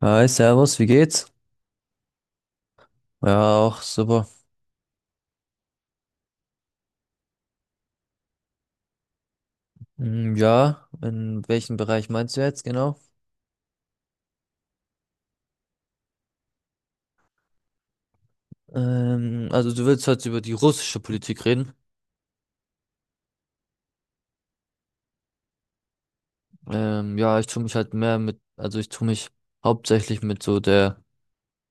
Hi, Servus, wie geht's? Ja, auch super. Ja, in welchem Bereich meinst du jetzt genau? Also du willst heute über die russische Politik reden. Ja, ich tue mich halt mehr mit, also ich tue mich hauptsächlich mit so der,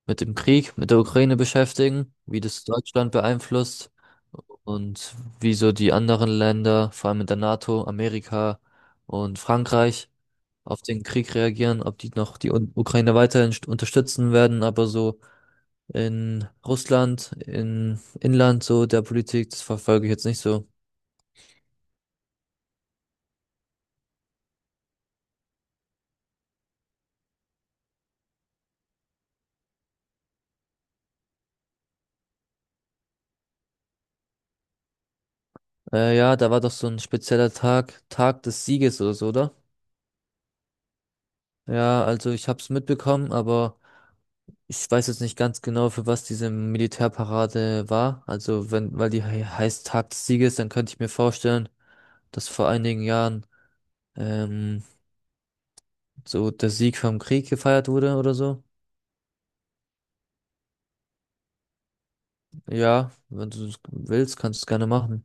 mit dem Krieg, mit der Ukraine beschäftigen, wie das Deutschland beeinflusst und wie so die anderen Länder, vor allem in der NATO, Amerika und Frankreich, auf den Krieg reagieren, ob die noch die Ukraine weiterhin unterstützen werden, aber so in Russland, in Inland, so der Politik, das verfolge ich jetzt nicht so. Ja, da war doch so ein spezieller Tag, Tag des Sieges oder so, oder? Ja, also ich hab's mitbekommen, aber ich weiß jetzt nicht ganz genau, für was diese Militärparade war. Also wenn, weil die he heißt Tag des Sieges, dann könnte ich mir vorstellen, dass vor einigen Jahren ähm, so der Sieg vom Krieg gefeiert wurde oder so. Ja, wenn du es willst, kannst du es gerne machen.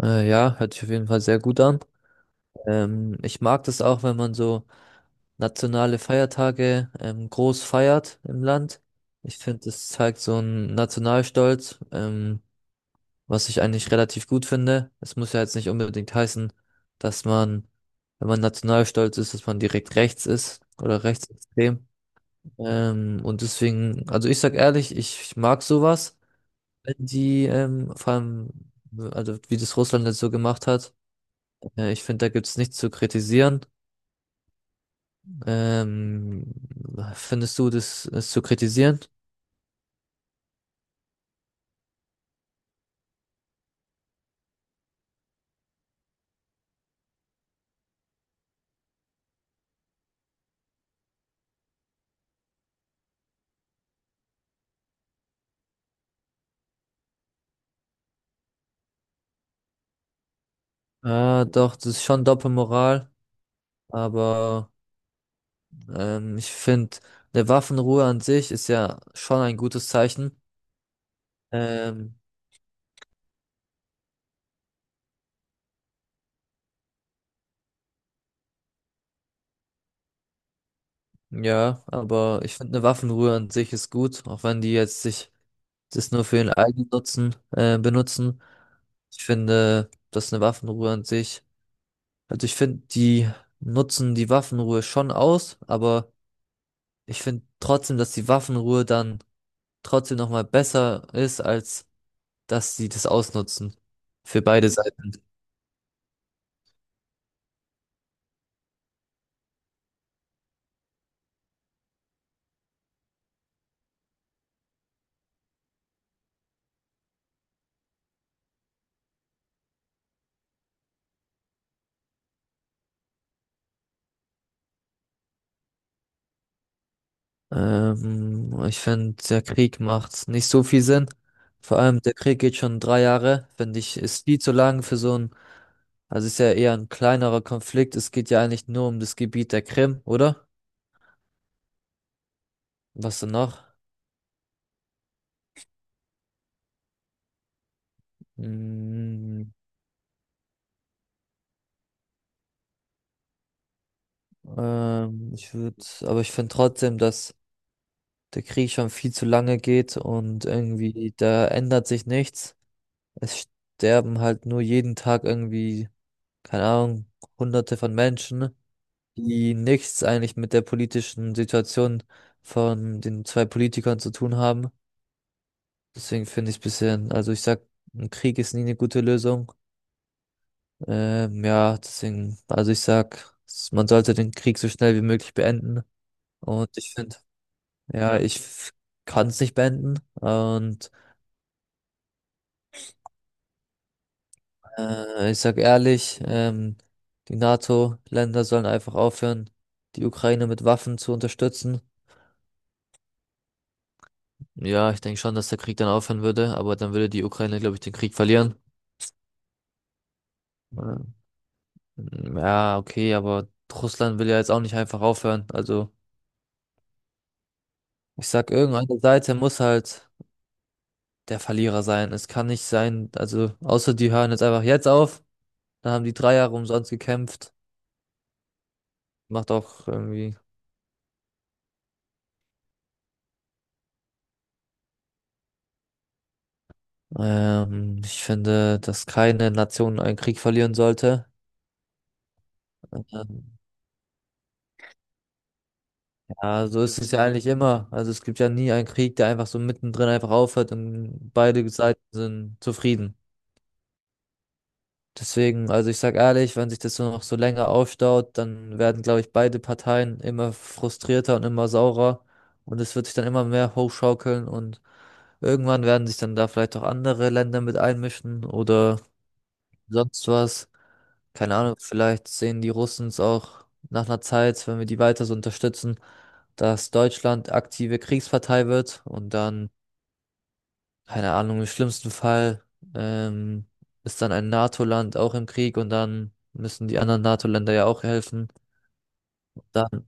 Ja, hört sich auf jeden Fall sehr gut an. Ich mag das auch, wenn man so nationale Feiertage groß feiert im Land. Ich finde, das zeigt so einen Nationalstolz, was ich eigentlich relativ gut finde. Es muss ja jetzt nicht unbedingt heißen, dass man, wenn man nationalstolz ist, dass man direkt rechts ist oder rechtsextrem. Und deswegen, also ich sag ehrlich, ich mag sowas, wenn die, vor allem, also wie das Russland jetzt so gemacht hat. Ich finde, da gibt's nichts zu kritisieren. Ähm, Findest du das, es zu kritisieren? Ah, doch, das ist schon Doppelmoral, aber ich finde, eine Waffenruhe an sich ist ja schon ein gutes Zeichen. Ähm, ja, aber ich finde, eine Waffenruhe an sich ist gut, auch wenn die jetzt sich das nur für ihren eigenen Nutzen benutzen. Ich finde, dass eine Waffenruhe an sich. Also ich finde, die nutzen die Waffenruhe schon aus, aber ich finde trotzdem, dass die Waffenruhe dann trotzdem nochmal besser ist, als dass sie das ausnutzen. Für beide Seiten. Ich finde, der Krieg macht nicht so viel Sinn. Vor allem, der Krieg geht schon 3 Jahre. Finde ich, ist viel zu lang für so ein, also ist ja eher ein kleinerer Konflikt. Es geht ja eigentlich nur um das Gebiet der Krim, oder? Was denn noch? Mm, Ich würde, aber ich finde trotzdem, dass der Krieg schon viel zu lange geht und irgendwie da ändert sich nichts. Es sterben halt nur jeden Tag irgendwie, keine Ahnung, Hunderte von Menschen, die nichts eigentlich mit der politischen Situation von den zwei Politikern zu tun haben. Deswegen finde ich es bisschen, also ich sag, ein Krieg ist nie eine gute Lösung. Ja, deswegen, also ich sag, man sollte den Krieg so schnell wie möglich beenden. Und ich finde, ja, ich kann es nicht beenden. Und ich sag ehrlich, die NATO-Länder sollen einfach aufhören, die Ukraine mit Waffen zu unterstützen. Ja, ich denke schon, dass der Krieg dann aufhören würde, aber dann würde die Ukraine, glaube ich, den Krieg verlieren. Ähm, Ja, okay, aber Russland will ja jetzt auch nicht einfach aufhören. Also ich sag, irgendeine Seite muss halt der Verlierer sein. Es kann nicht sein, also außer die hören jetzt einfach jetzt auf, dann haben die 3 Jahre umsonst gekämpft. Macht auch irgendwie. Ich finde, dass keine Nation einen Krieg verlieren sollte. Ähm, ja, so ist es ja eigentlich immer. Also es gibt ja nie einen Krieg, der einfach so mittendrin einfach aufhört und beide Seiten sind zufrieden. Deswegen, also ich sag ehrlich, wenn sich das so noch so länger aufstaut, dann werden, glaube ich, beide Parteien immer frustrierter und immer saurer. Und es wird sich dann immer mehr hochschaukeln und irgendwann werden sich dann da vielleicht auch andere Länder mit einmischen oder sonst was. Keine Ahnung, vielleicht sehen die Russen es auch nach einer Zeit, wenn wir die weiter so unterstützen, dass Deutschland aktive Kriegspartei wird und dann, keine Ahnung, im schlimmsten Fall ähm, ist dann ein NATO-Land auch im Krieg und dann müssen die anderen NATO-Länder ja auch helfen. Dann,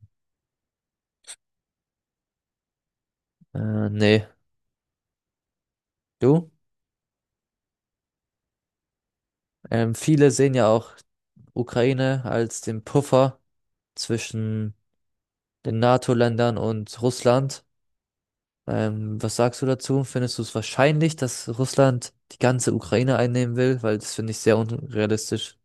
nee, du? Viele sehen ja auch Ukraine als den Puffer zwischen den NATO-Ländern und Russland. Was sagst du dazu? Findest du es wahrscheinlich, dass Russland die ganze Ukraine einnehmen will? Weil das finde ich sehr unrealistisch.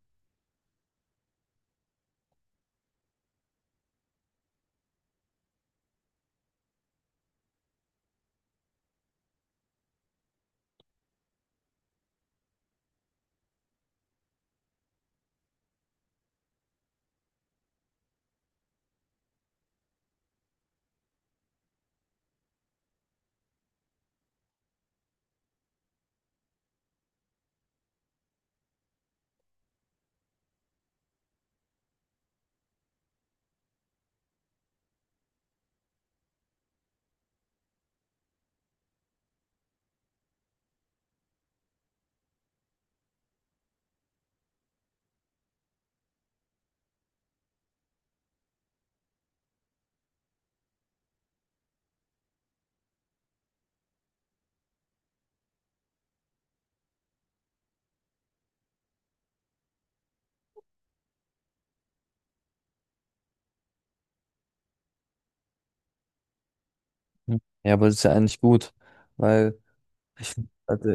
Hm. Ja, aber das ist ja eigentlich gut, weil, ich, also,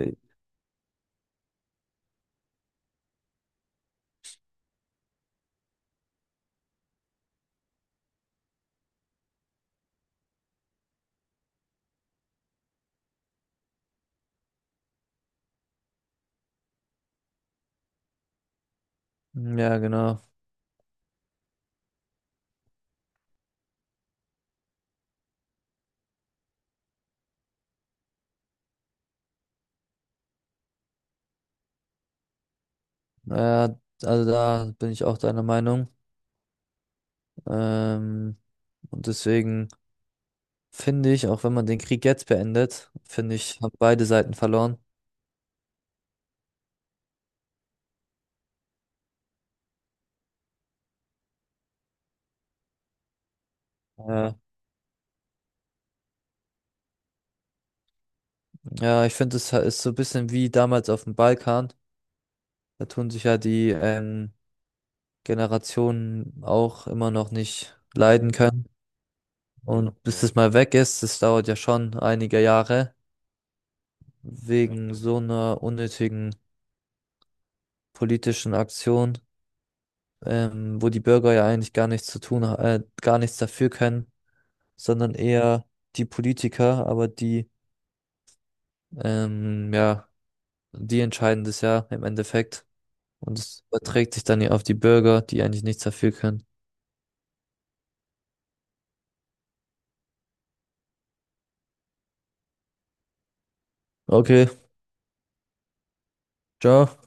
hm, ja, genau. Äh, also da bin ich auch deiner Meinung. Ähm, und deswegen finde ich, auch wenn man den Krieg jetzt beendet, finde ich, haben beide Seiten verloren. Äh, ja, ich finde, es ist so ein bisschen wie damals auf dem Balkan. Da tun sich ja die Generationen auch immer noch nicht leiden können. Und bis es mal weg ist, das dauert ja schon einige Jahre, wegen so einer unnötigen politischen Aktion, wo die Bürger ja eigentlich gar nichts zu tun, gar nichts dafür können, sondern eher die Politiker, aber die, ja, die entscheiden das ja im Endeffekt. Und es überträgt sich dann ja auf die Bürger, die eigentlich nichts dafür können. Okay, ciao.